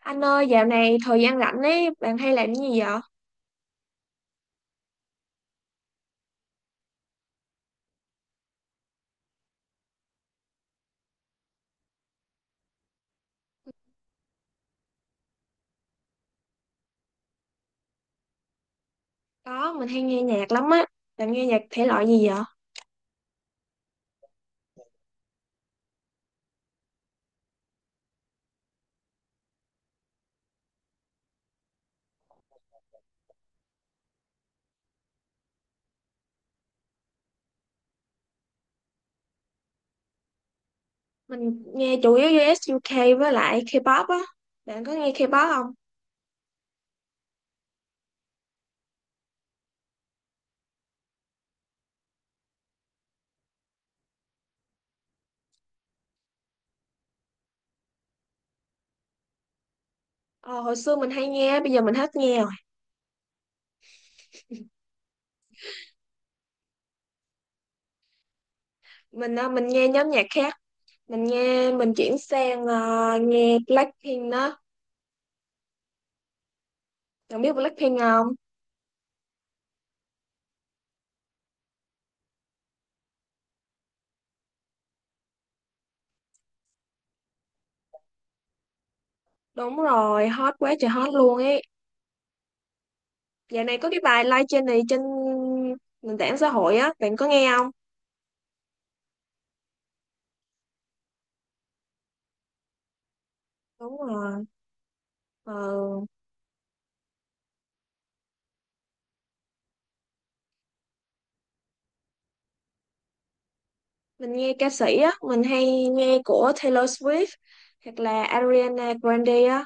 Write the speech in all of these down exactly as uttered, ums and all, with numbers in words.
Anh ơi, dạo này thời gian rảnh ấy, bạn hay làm cái gì vậy? Có, mình hay nghe nhạc lắm á. Bạn nghe nhạc thể loại gì vậy? Mình nghe chủ yếu u ét u ca với lại K-pop á. Bạn có nghe K-pop không? Ờ, Hồi xưa mình hay nghe, bây giờ mình hết nghe rồi. Mình ờ, mình nghe nhóm nhạc khác. Mình nghe mình chuyển sang ờ, nghe Blackpink đó. Bạn biết Blackpink không? Đúng rồi, hot quá trời hot luôn ấy. Dạo này có cái bài live trên này trên nền tảng xã hội á, bạn có nghe không? Đúng rồi. Ờ. Mình nghe ca sĩ á, mình hay nghe của Taylor Swift hoặc là Ariana Grande á.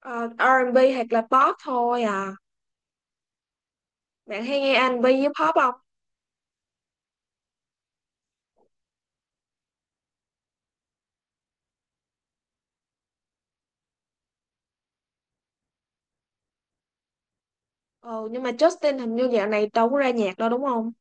Ờ, a and bi hoặc là pop thôi à? Bạn hay nghe a rờ bi với pop không? Ừ, nhưng mà Justin hình như dạo này đâu có ra nhạc đâu đúng không?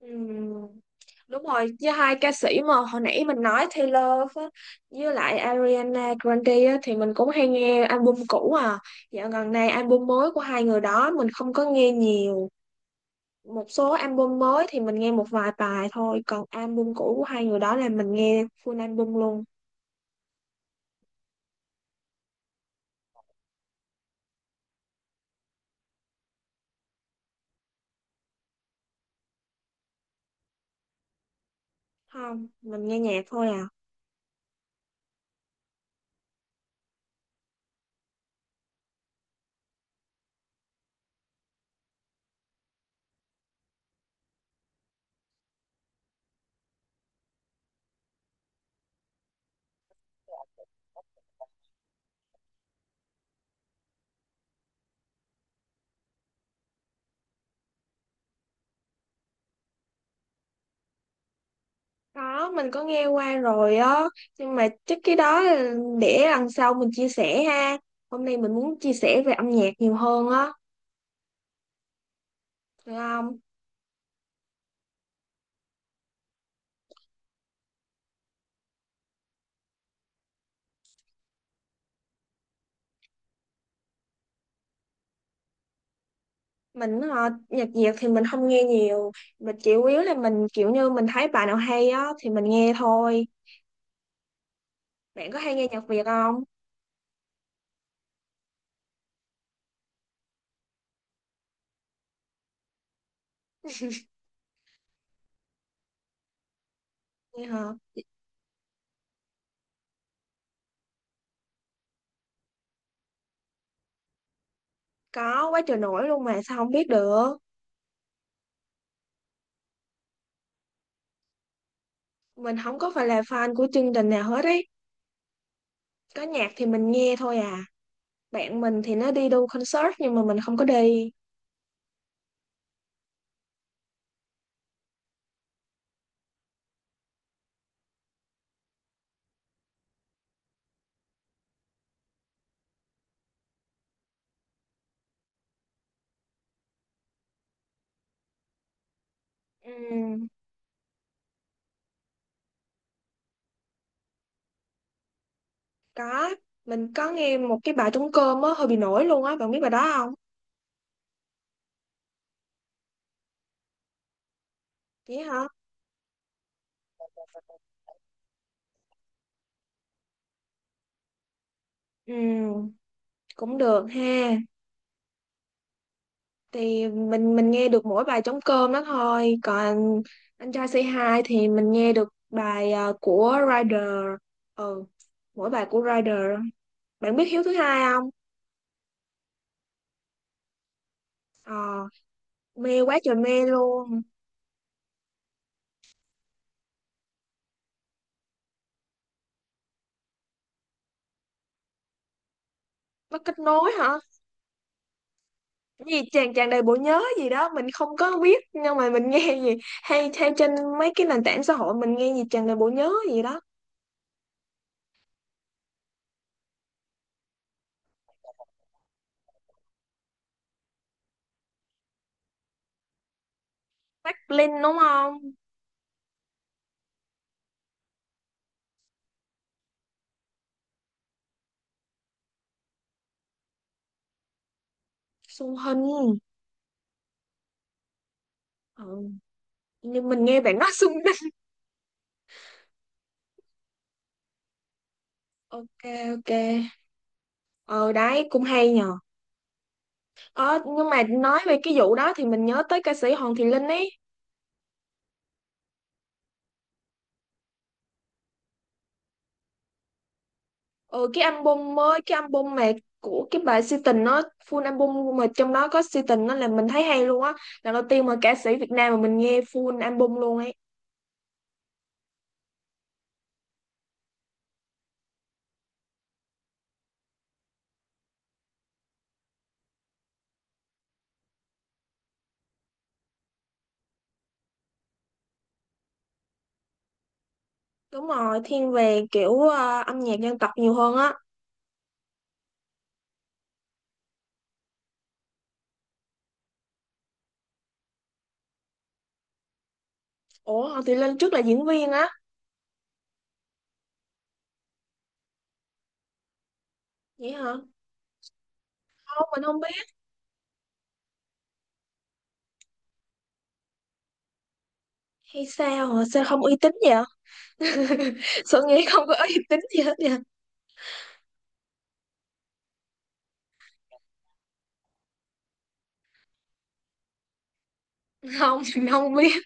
Ừm, đúng rồi, với hai ca sĩ mà hồi nãy mình nói Taylor á, với lại Ariana Grande á, thì mình cũng hay nghe album cũ à. Dạo gần này album mới của hai người đó mình không có nghe nhiều. Một số album mới thì mình nghe một vài bài thôi, còn album cũ của hai người đó là mình nghe full album luôn. Không, mình nghe nhạc thôi à. Có, mình có nghe qua rồi á, nhưng mà chắc cái đó là để lần sau mình chia sẻ ha. Hôm nay mình muốn chia sẻ về âm nhạc nhiều hơn á, được không? Mình ờ, nhạc Việt thì mình không nghe nhiều, mình chỉ chủ yếu là mình kiểu như mình thấy bài nào hay á thì mình nghe thôi. Bạn có hay nghe nhạc Việt không? Nghe hả? Có quá trời nổi luôn mà sao không biết được. Mình không có phải là fan của chương trình nào hết ấy. Có nhạc thì mình nghe thôi à. Bạn mình thì nó đi đu concert nhưng mà mình không có đi. Ừm, có, mình có nghe một cái bài trống cơm á, hơi bị nổi luôn á, bạn biết bài đó không? Vậy hả? Ừm, cũng được ha. Thì mình mình nghe được mỗi bài trống cơm đó thôi, còn anh trai Say Hi thì mình nghe được bài ờ, của Rider. Ừ, mỗi bài của Rider. Bạn biết Hiếu thứ hai không? Ờ, mê quá trời mê luôn. Nó kết nối hả? Cái gì chàng chàng đầy bộ nhớ gì đó mình không có biết, nhưng mà mình nghe gì hay hay trên mấy cái nền tảng xã hội, mình nghe gì chàng đầy bộ nhớ gì đó. Bắc Linh đúng không? Xuân Hinh. Ừ. Nhưng mình nghe bạn nói Xuân Hinh. Ok, ok. Ờ, đấy cũng hay nhờ. Ờ, nhưng mà nói về cái vụ đó thì mình nhớ tới ca sĩ Hoàng Thị Linh ấy. Ừ, cái album mới, cái album mà của cái bài Si tình nó full album mà trong đó có Si tình, nó là mình thấy hay luôn á. Lần đầu tiên mà ca sĩ Việt Nam mà mình nghe full album luôn ấy. Đúng rồi, thiên về kiểu ờ, âm nhạc dân tộc nhiều hơn á. Ủa, Hoàng Thùy Linh trước là diễn viên á? Vậy hả? Không, mình không biết. Hay sao hả? Sao không uy tín vậy hả? Sao nghĩ không có uy tín gì hết vậy? Không, mình không biết.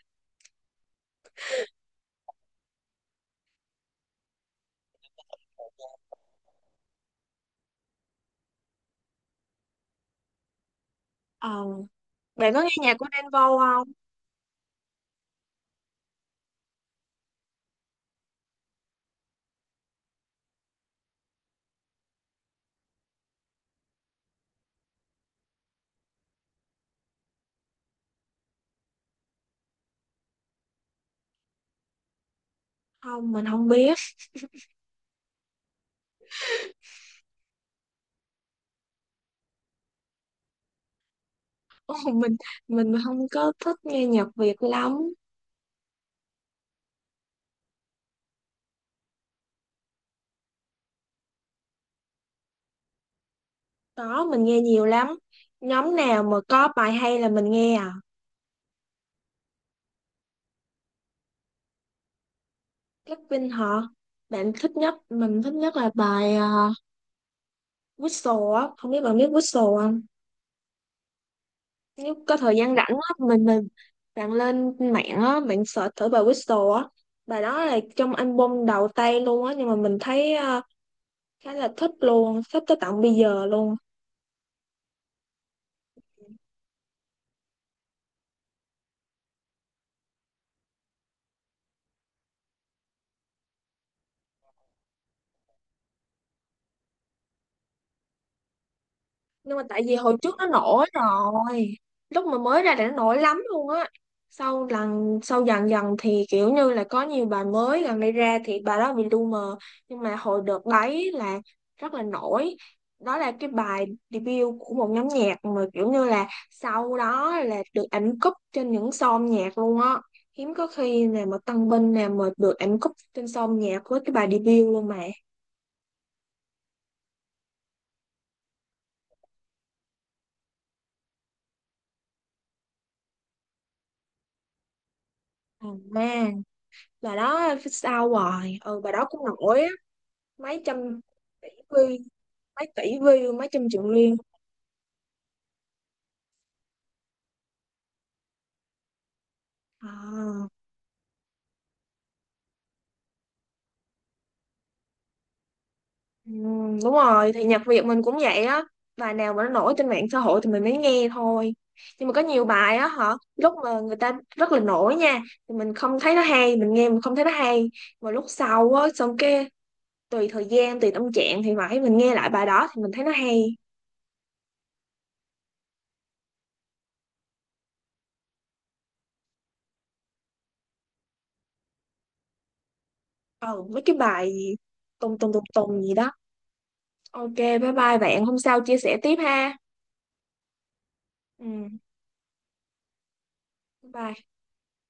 Ờ, bạn có nghe nhạc của Đen Vâu không? Không, mình không biết. Ồ, mình mình không có thích nghe nhạc Việt lắm. Có, mình nghe nhiều lắm. Nhóm nào mà có bài hay là mình nghe à? Blackpink hả? Bạn thích nhất, mình thích nhất là bài ờ, Whistle á. Không biết bạn biết Whistle không? Nếu có thời gian rảnh á, mình mình bạn lên mạng á, bạn search thử bài Whistle á. Bài đó là trong album đầu tay luôn á, nhưng mà mình thấy ờ, khá là thích luôn, thích tới tận bây giờ luôn. Nhưng mà tại vì hồi trước nó nổi rồi, lúc mà mới ra là nó nổi lắm luôn á. Sau lần sau dần dần thì kiểu như là có nhiều bài mới gần đây ra thì bài đó bị lu mờ. Nhưng mà hồi đợt đấy là rất là nổi. Đó là cái bài debut của một nhóm nhạc mà kiểu như là sau đó là được ảnh cúp trên những song nhạc luôn á. Hiếm có khi nào mà Tân Binh nào mà được ảnh cúp trên song nhạc với cái bài debut luôn mà. À, bài đó phía sau rồi. Ừ, bài đó cũng nổi á. Mấy trăm tỷ view, mấy tỷ view, mấy trăm triệu view. À, ừm, đúng rồi, thì nhạc Việt mình cũng vậy á. Bài nào mà nó nổi trên mạng xã hội thì mình mới nghe thôi. Nhưng mà có nhiều bài á hả, lúc mà người ta rất là nổi nha, thì mình không thấy nó hay, mình nghe mình không thấy nó hay. Mà lúc sau á xong cái, tùy thời gian tùy tâm trạng thì phải, mình nghe lại bài đó thì mình thấy nó hay. Ừ, mấy cái bài gì tùng tùng tùng tùng gì đó. Ok, bye bye bạn, hôm sau chia sẻ tiếp ha. Ừ, bye bye.